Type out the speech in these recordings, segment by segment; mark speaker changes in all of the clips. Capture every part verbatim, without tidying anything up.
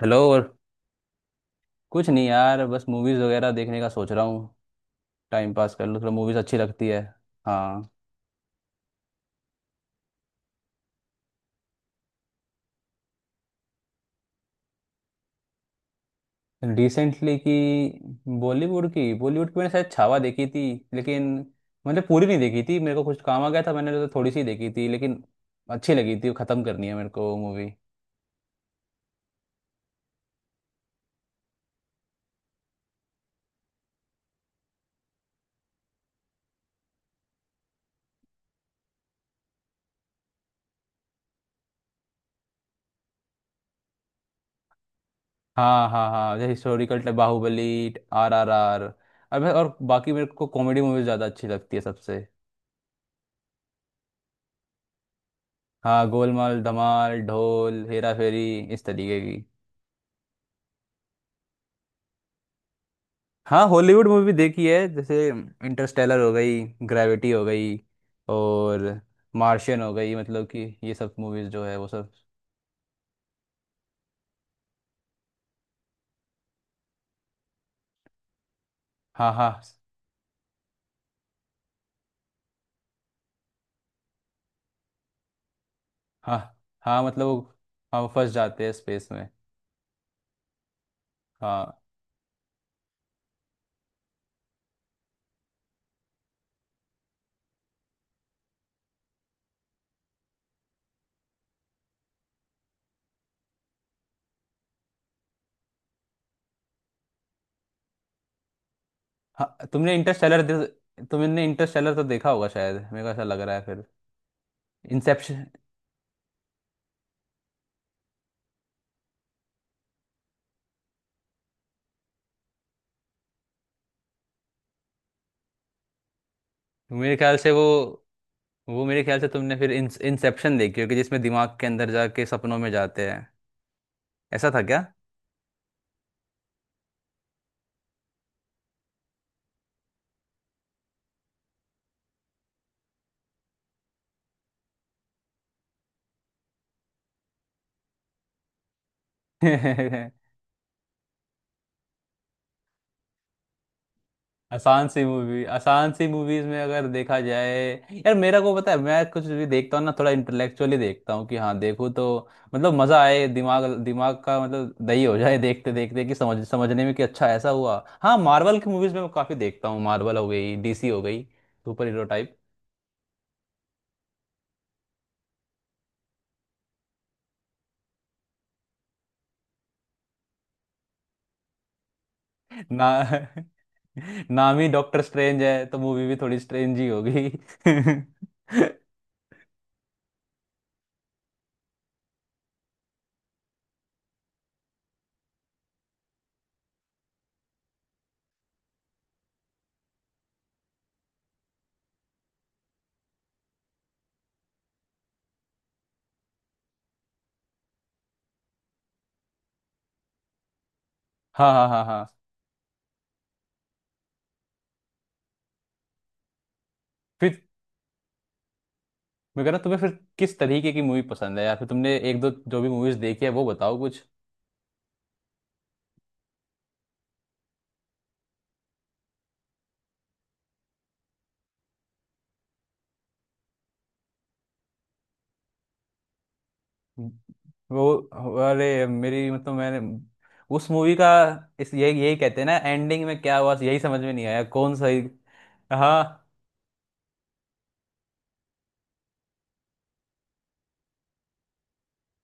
Speaker 1: Hello. और कुछ नहीं यार, बस मूवीज़ वगैरह देखने का सोच रहा हूँ। टाइम पास कर लूँ थोड़ा, मूवीज़ अच्छी लगती है। हाँ। रिसेंटली की? बॉलीवुड की, बॉलीवुड की मैंने शायद छावा देखी थी। लेकिन मैंने पूरी नहीं देखी थी, मेरे को कुछ काम आ गया था। मैंने तो थोड़ी सी देखी थी, लेकिन अच्छी लगी थी। वो ख़त्म करनी है मेरे को, मूवी। हाँ, हाँ, हाँ, जैसे historical type Baahubali, R R R, और मैं- और बाकी मेरे को कॉमेडी मूवीज ज़्यादा अच्छी लगती है सबसे। हाँ, गोलमाल, धमाल, ढोल, हेरा फेरी, इस तरीके की। हाँ, हॉलीवुड मूवी देखी है। जैसे इंटरस्टेलर हो गई, ग्रेविटी हो गई, और मार्शियन हो गई। मतलब कि ये सब मूवीज जो है वो सब। हाँ, हाँ, हाँ, हाँ, मतलब वो हम फंस जाते हैं स्पेस में। हाँ। हाँ। तुमने इंटरस्टेलर तुमने इंटरस्टेलर तो देखा होगा शायद, मेरे को ऐसा लग रहा है फिर। इंसेप्शन। मेरे ख्याल से वो वो मेरे ख्याल से तुमने फिर इंसेप्शन देखी होगी, जिसमें दिमाग के अंदर जाके सपनों में जाते हैं। ऐसा था क्या? आसान सी मूवी, आसान सी मूवीज में अगर देखा जाए। यार, मेरा को पता है, मैं कुछ भी देखता हूँ ना, थोड़ा इंटेलेक्चुअली देखता हूँ कि हाँ देखो तो। मतलब मजा आए, दिमाग दिमाग का मतलब दही हो जाए देखते देखते, कि समझ समझने में कि अच्छा ऐसा हुआ। हाँ, मार्वल की मूवीज में मैं काफी देखता हूँ। मार्वल हो गई, डी सी हो गई, सुपर हीरो टाइप। ना, नाम ही डॉक्टर स्ट्रेंज है तो मूवी भी थोड़ी स्ट्रेंज ही होगी। हाँ, हाँ, हाँ, हाँ। मैं कह रहा तुम्हें फिर, किस तरीके की मूवी पसंद है, या फिर तुमने एक दो जो भी मूवीज देखी है वो बताओ कुछ। वो, अरे मेरी मतलब मैंने उस मूवी का, इस यही यही कहते हैं ना, एंडिंग में क्या हुआ यही समझ में नहीं आया, कौन सही। हाँ,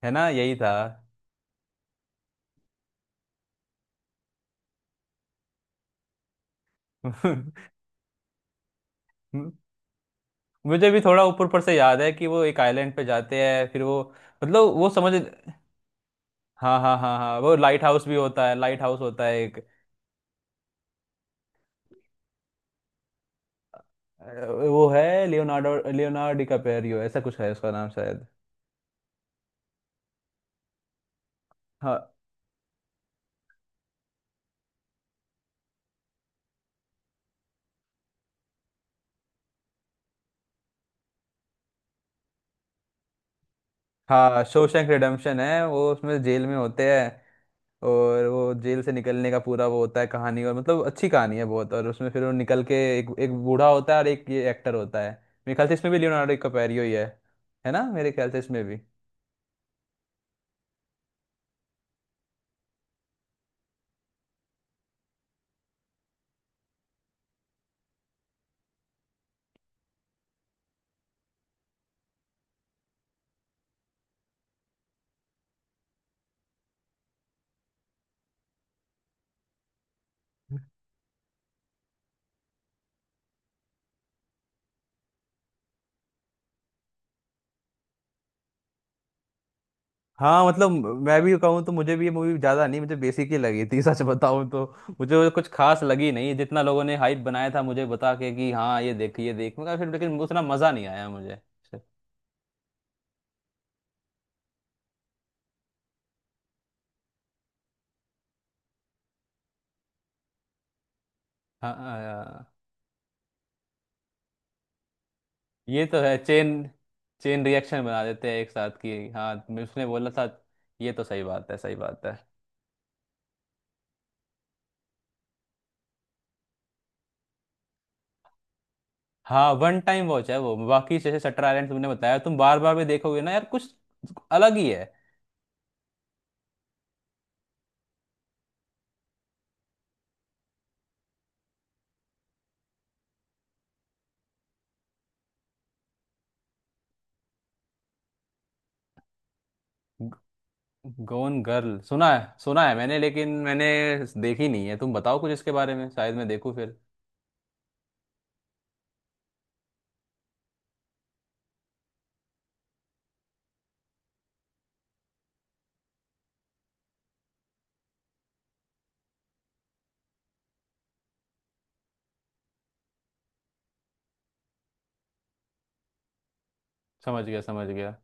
Speaker 1: है ना यही था। मुझे भी थोड़ा ऊपर ऊपर से याद है कि वो एक आइलैंड पे जाते हैं, फिर वो, मतलब वो समझ। हाँ, हाँ, हाँ, हाँ, वो लाइट हाउस भी होता है, लाइट हाउस होता है एक। अ, वो है लियोनार्डो, लियोनार्डो डिकापेरियो ऐसा कुछ है उसका नाम शायद। हाँ। हाँ, शोशैंक रिडेम्पशन है वो, उसमें जेल में होते हैं। और वो जेल से निकलने का पूरा वो होता है कहानी। और मतलब अच्छी कहानी है बहुत। और उसमें फिर वो निकल के एक एक बूढ़ा होता है और एक ये एक्टर होता है। मेरे ख्याल से इसमें भी लियोनार्डो डिकैप्रियो ही है। है ना, मेरे ख्याल से इसमें भी। हाँ मतलब, मैं भी कहूँ तो मुझे भी ये मूवी ज़्यादा नहीं, मुझे बेसिक ही लगी थी। सच बताऊँ तो मुझे वो कुछ खास लगी नहीं जितना लोगों ने हाइप बनाया था। मुझे बता के कि हाँ ये देख ये देख, मैं कहा, फिर लेकिन उतना मज़ा नहीं आया मुझे। हाँ, ये तो है। चेन चेन रिएक्शन बना देते हैं एक साथ की, हाँ मैं- उसने बोला था। ये तो सही बात है, सही बात है। हाँ, वन टाइम वॉच है वो। बाकी जैसे शटर आइलैंड तुमने बताया, तुम बार बार भी देखोगे ना यार, कुछ अलग ही है। गोन गर्ल सुना है, सुना है मैंने, लेकिन मैंने देखी नहीं है। तुम बताओ कुछ इसके बारे में, शायद मैं देखूं फिर। समझ गया, समझ गया,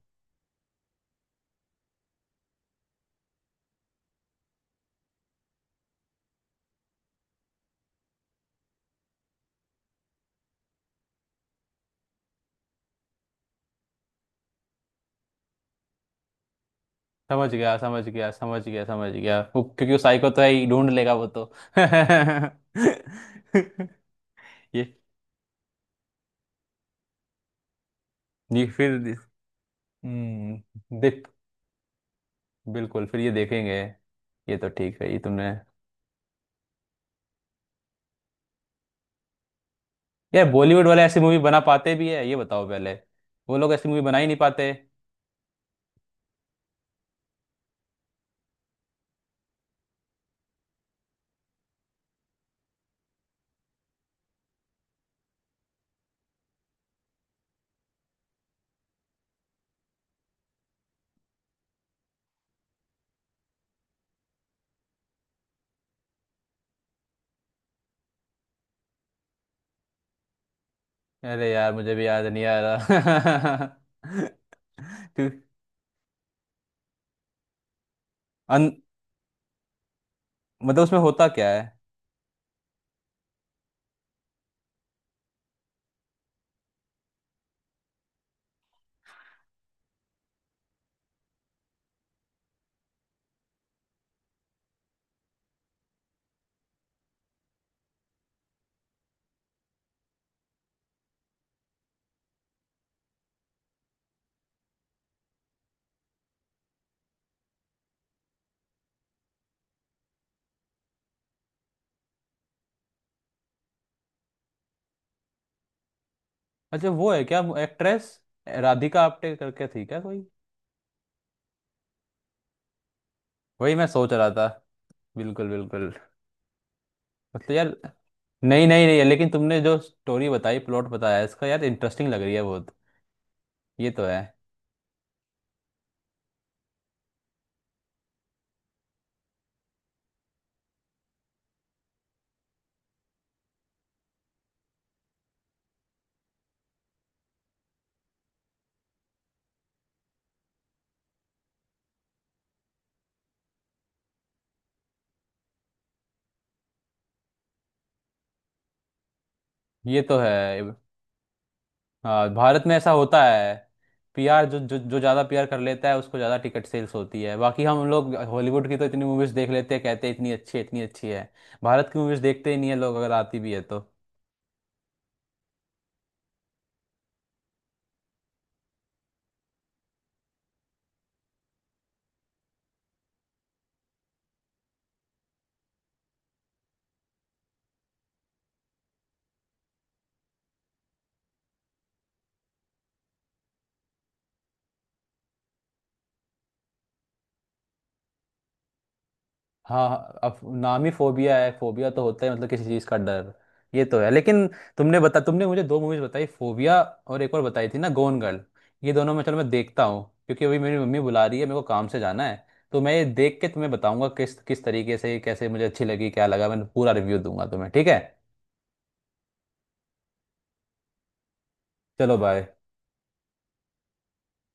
Speaker 1: समझ गया, समझ गया, समझ गया, समझ गया, वो क्योंकि वो साइको तो है ही, ढूंढ लेगा वो तो। ये। ये फिर। हम्म। बिल्कुल, फिर ये देखेंगे। ये तो ठीक है। ये तुमने। यार बॉलीवुड वाले ऐसी मूवी बना पाते भी है? ये बताओ पहले। वो लोग ऐसी मूवी बना ही नहीं पाते। अरे यार, मुझे भी याद नहीं आ रहा। तो, अन, मतलब उसमें होता क्या है? अच्छा, वो है क्या एक्ट्रेस? राधिका आप्टे करके थी क्या कोई? वही मैं सोच रहा था। बिल्कुल, बिल्कुल। मतलब यार, नहीं नहीं नहीं, लेकिन तुमने जो स्टोरी बताई प्लॉट बताया इसका, यार इंटरेस्टिंग लग रही है बहुत। ये तो है। ये तो है। हाँ, भारत में ऐसा होता है। पी आर, जो जो जो ज़्यादा पी आर कर लेता है उसको ज़्यादा टिकट सेल्स होती है। बाकी हम लोग हॉलीवुड की तो इतनी मूवीज़ देख लेते हैं, कहते हैं इतनी अच्छी है, इतनी अच्छी है। भारत की मूवीज़ देखते ही नहीं है लोग, अगर आती भी है तो। हाँ, हाँ, अब नाम ही फोबिया है। फोबिया तो होता है मतलब किसी चीज का डर। ये तो है लेकिन। तुमने बता तुमने मुझे दो मूवीज बताई, फोबिया और एक और बताई थी ना, गोन गर्ल। ये दोनों मैं, चलो मैं देखता हूँ, क्योंकि अभी मेरी मम्मी बुला रही है, मेरे को काम से जाना है। तो मैं ये देख के तुम्हें बताऊंगा किस किस तरीके से कैसे मुझे अच्छी लगी, क्या लगा। मैं पूरा रिव्यू दूंगा तुम्हें, ठीक है? चलो, बाय।